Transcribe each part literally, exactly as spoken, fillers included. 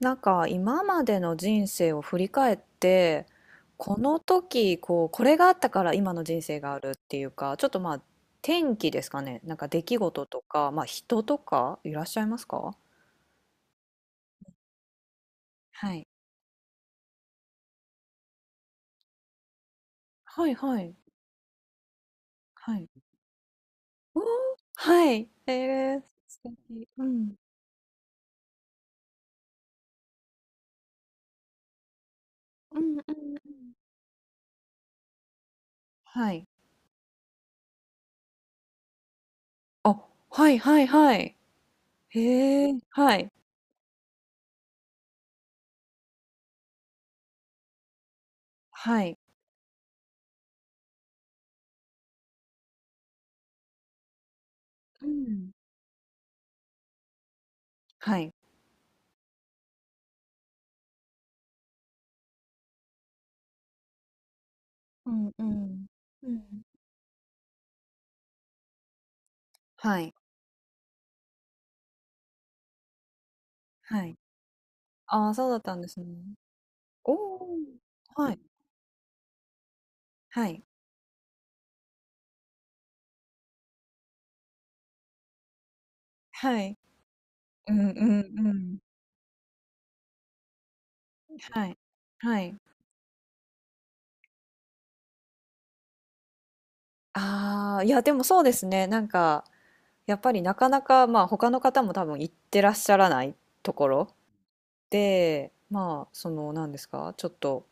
なんか今までの人生を振り返ってこの時こうこれがあったから今の人生があるっていうかちょっとまあ天気ですかねなんか出来事とか、まあ、人とかいらっしゃいますかはいはいはいはいおーはいえー、素敵うんうんうんうんはいあはいはいはいへえはいはいうんはいうんうんうんはいはいああ、そうだったんですね。おお。はい。はい。はい。うんうんうん。はい。はい。ああ、いや、でもそうですね。なんか、やっぱりなかなか、まあ、他の方も多分行ってらっしゃらないところで、まあ、その、なんですか、ちょっと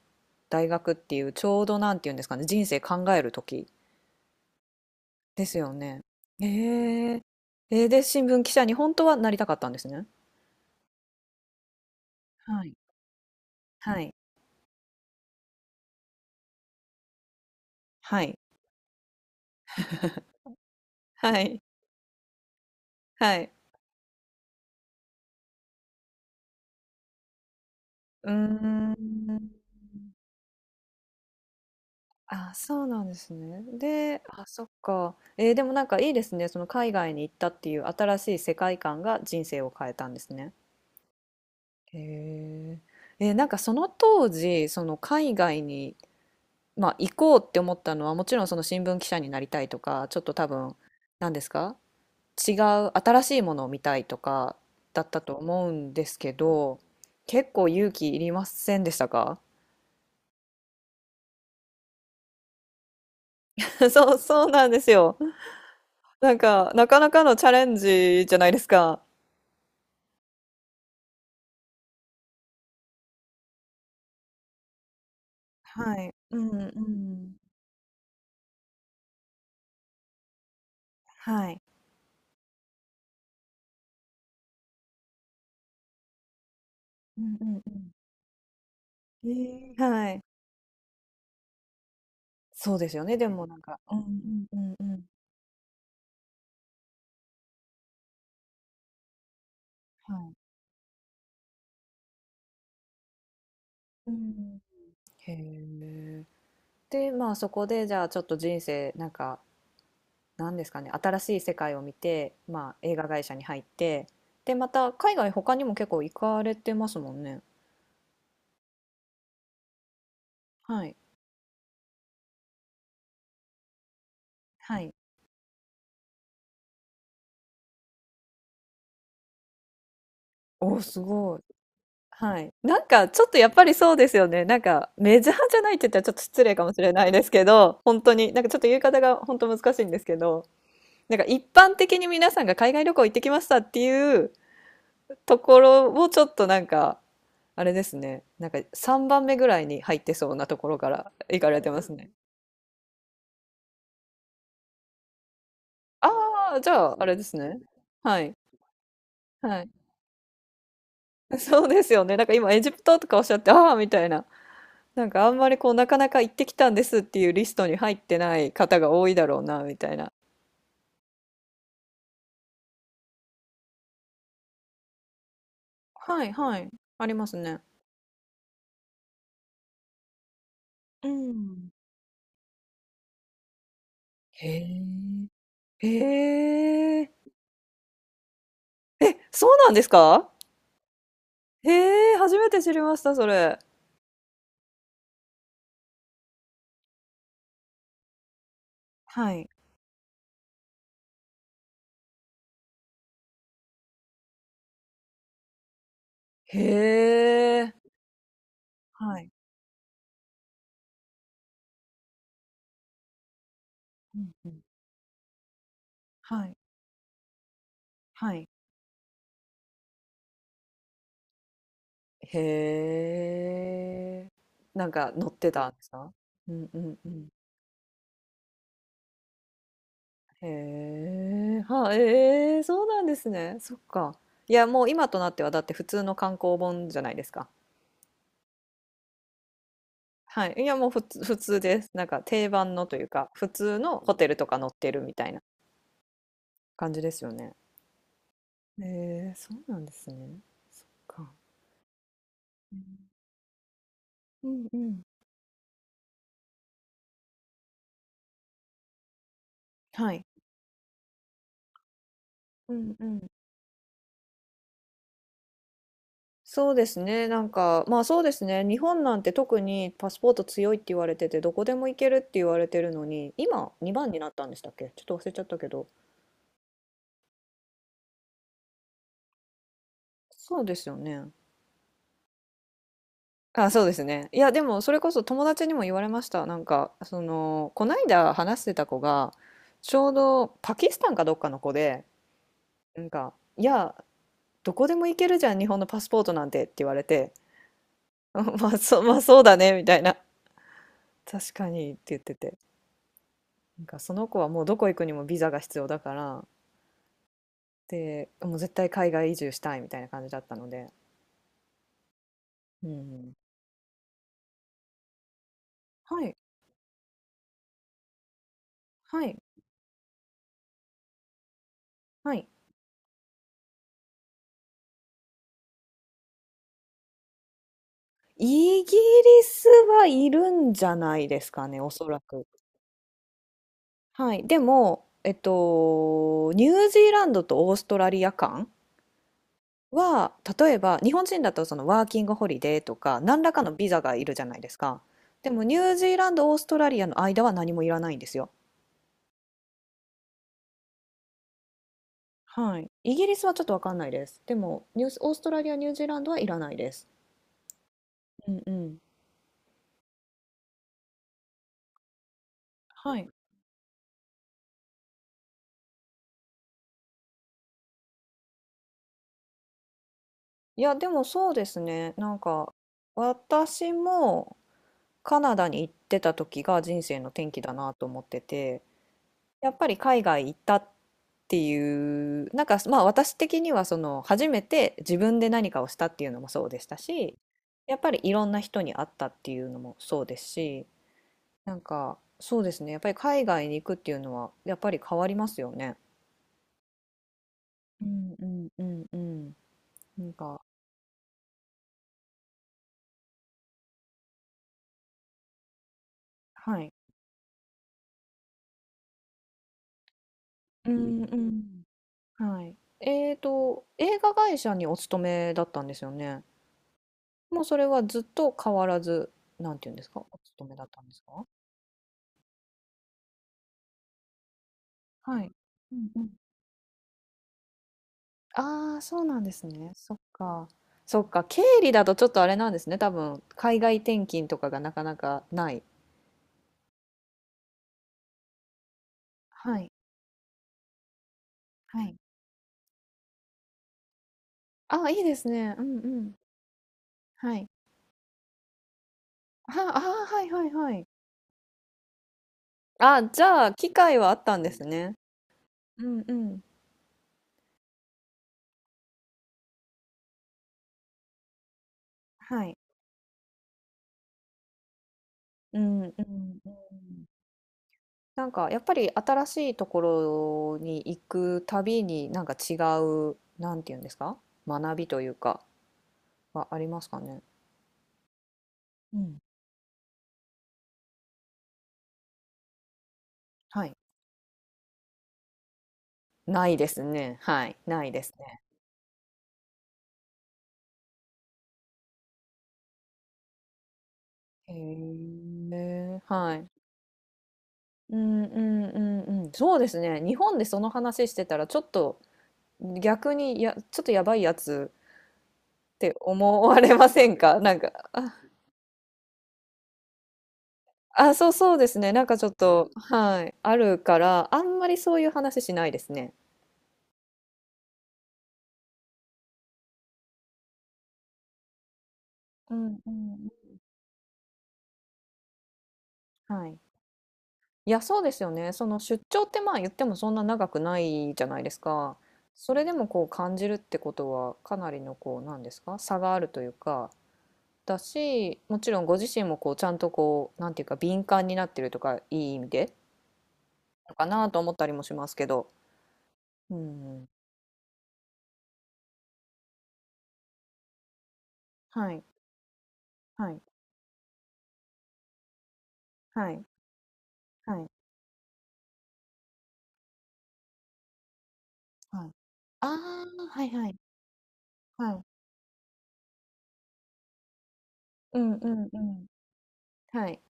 大学っていう、ちょうどなんていうんですかね、人生考える時ですよね。ええ。えー、で、新聞記者に本当はなりたかったんですね。はい。はい。はい。はい。はい。うーん。あ、そうなんですね。で、あ、そっか。えーでもなんかいいですね。その海外に行ったっていう新しい世界観が人生を変えたんですね。へえ。えーなんかその当時、その海外に、まあ、行こうって思ったのは、もちろんその新聞記者になりたいとか、ちょっと多分、何ですか違う、新しいものを見たいとかだったと思うんですけど、結構勇気いりませんでしたか？ そう、そうなんですよ。なんか、なかなかのチャレンジじゃないですか。はい。うんうん。はい。うんうんうん。ええ、はい。そうですよね、でもなんかうんうんうんうん。はい。うん。へえ。で、まあ、そこでじゃあちょっと人生、なんか、なんですかね、新しい世界を見て、まあ、映画会社に入って、で、また海外他にも結構行かれてますもんね。はい。はい。おお、すごい。はい。なんか、ちょっとやっぱりそうですよね。なんか、メジャーじゃないって言ったらちょっと失礼かもしれないですけど、本当に、なんかちょっと言い方が本当難しいんですけど、なんか一般的に皆さんが海外旅行行ってきましたっていうところをちょっとなんか、あれですね。なんかさんばんめぐらいに入ってそうなところから行かれてますね。ああ、じゃあ、あれですね。はい。はい。そうですよね。なんか今エジプトとかおっしゃって、ああ、みたいな。なんかあんまりこうなかなか行ってきたんですっていうリストに入ってない方が多いだろうなみたいな。はいはい。ありますね。うん。へえ。へえ。え、そうなんですか？へえ、初めて知りました、それ。はい。へえ。はい。うんうん。はい。はい。へえ。なんか乗ってたんですか？うんうんうん。へえ、は、ええ、そうなんですね。そっか。いや、もう今となってはだって普通の観光本じゃないですか。はい。いや、もう普通、普通です。なんか定番のというか、普通のホテルとか載ってるみたいな感じですよね。へえ、そうなんですね。そっか。うんうん。はい。うんうん。そうですね。なんか、まあそうですね。日本なんて特にパスポート強いって言われてて、どこでも行けるって言われてるのに、今にばんになったんでしたっけ、ちょっと忘れちゃったけど。そうですよね。あ、そうですね。いや、でもそれこそ友達にも言われました。なんか、その、こないだ話してた子が、ちょうどパキスタンかどっかの子で、なんか、いや、どこでも行けるじゃん、日本のパスポートなんてって言われて、まあ、そう、まあそうだね、みたいな。確かにって言ってて。なんか、その子はもうどこ行くにもビザが必要だから、で、もう絶対海外移住したいみたいな感じだったので。うん。はい、はい、はい。イギリスはいるんじゃないですかね、おそらく。はい。でも、えっと、ニュージーランドとオーストラリア間は、例えば、日本人だとそのワーキングホリデーとか、何らかのビザがいるじゃないですか。でも、ニュージーランド、オーストラリアの間は何もいらないんですよ。はい。イギリスはちょっとわかんないです。でも、ニュース、オーストラリア、ニュージーランドはいらないです。うんうん。はい。いや、でもそうですね。なんか、私も、カナダに行ってた時が人生の転機だなと思ってて、やっぱり海外行ったっていう、なんかまあ私的にはその初めて自分で何かをしたっていうのもそうでしたし、やっぱりいろんな人に会ったっていうのもそうですし、なんかそうですね、やっぱり海外に行くっていうのはやっぱり変わりますよね。うんうんうんうん。なんか、はい。うんうん。はい。えーと、映画会社にお勤めだったんですよね。もうそれはずっと変わらず、なんていうんですか、お勤めだったんですか？はい。うんうん。ああ、そうなんですね。そっか。そっか。経理だとちょっとあれなんですね。多分、海外転勤とかがなかなかない。はい。はい。ああ、いいですね。うんうん。はい。は、ああ、はいはいはい。ああ、じゃあ、機会はあったんですね。うんうん。はい。うんうんうん。なんかやっぱり新しいところに行くたびになんか違う、なんていうんですか、学びというかはありますかね。うん。はい。ないですね。はい。ないですね。へえ。はい。うんうんうんうん。そうですね。日本でその話してたらちょっと逆にや、ちょっとやばいやつって思われませんか？なんか、あ、あ、そうそうですね。なんかちょっと、はい。あるから、あんまりそういう話しないですね。うんうんはい。いや、そうですよね。その出張ってまあ言ってもそんな長くないじゃないですか。それでもこう感じるってことはかなりのこうなんですか、差があるというかだし、もちろんご自身もこうちゃんとこうなんていうか、敏感になってるとかいい意味でのかなと思ったりもしますけど。うんはいはいはいはいはい。ああはいはいはい。うんうんうんはい。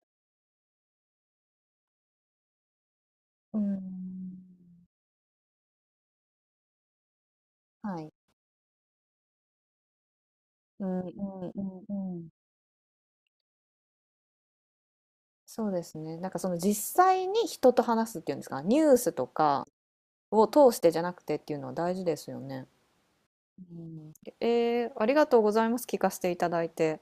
うんはい。うんうんうんうん。そうですね。なんかその実際に人と話すっていうんですか、ニュースとかを通してじゃなくてっていうのは大事ですよね。うん。えーありがとうございます。聞かせていただいて。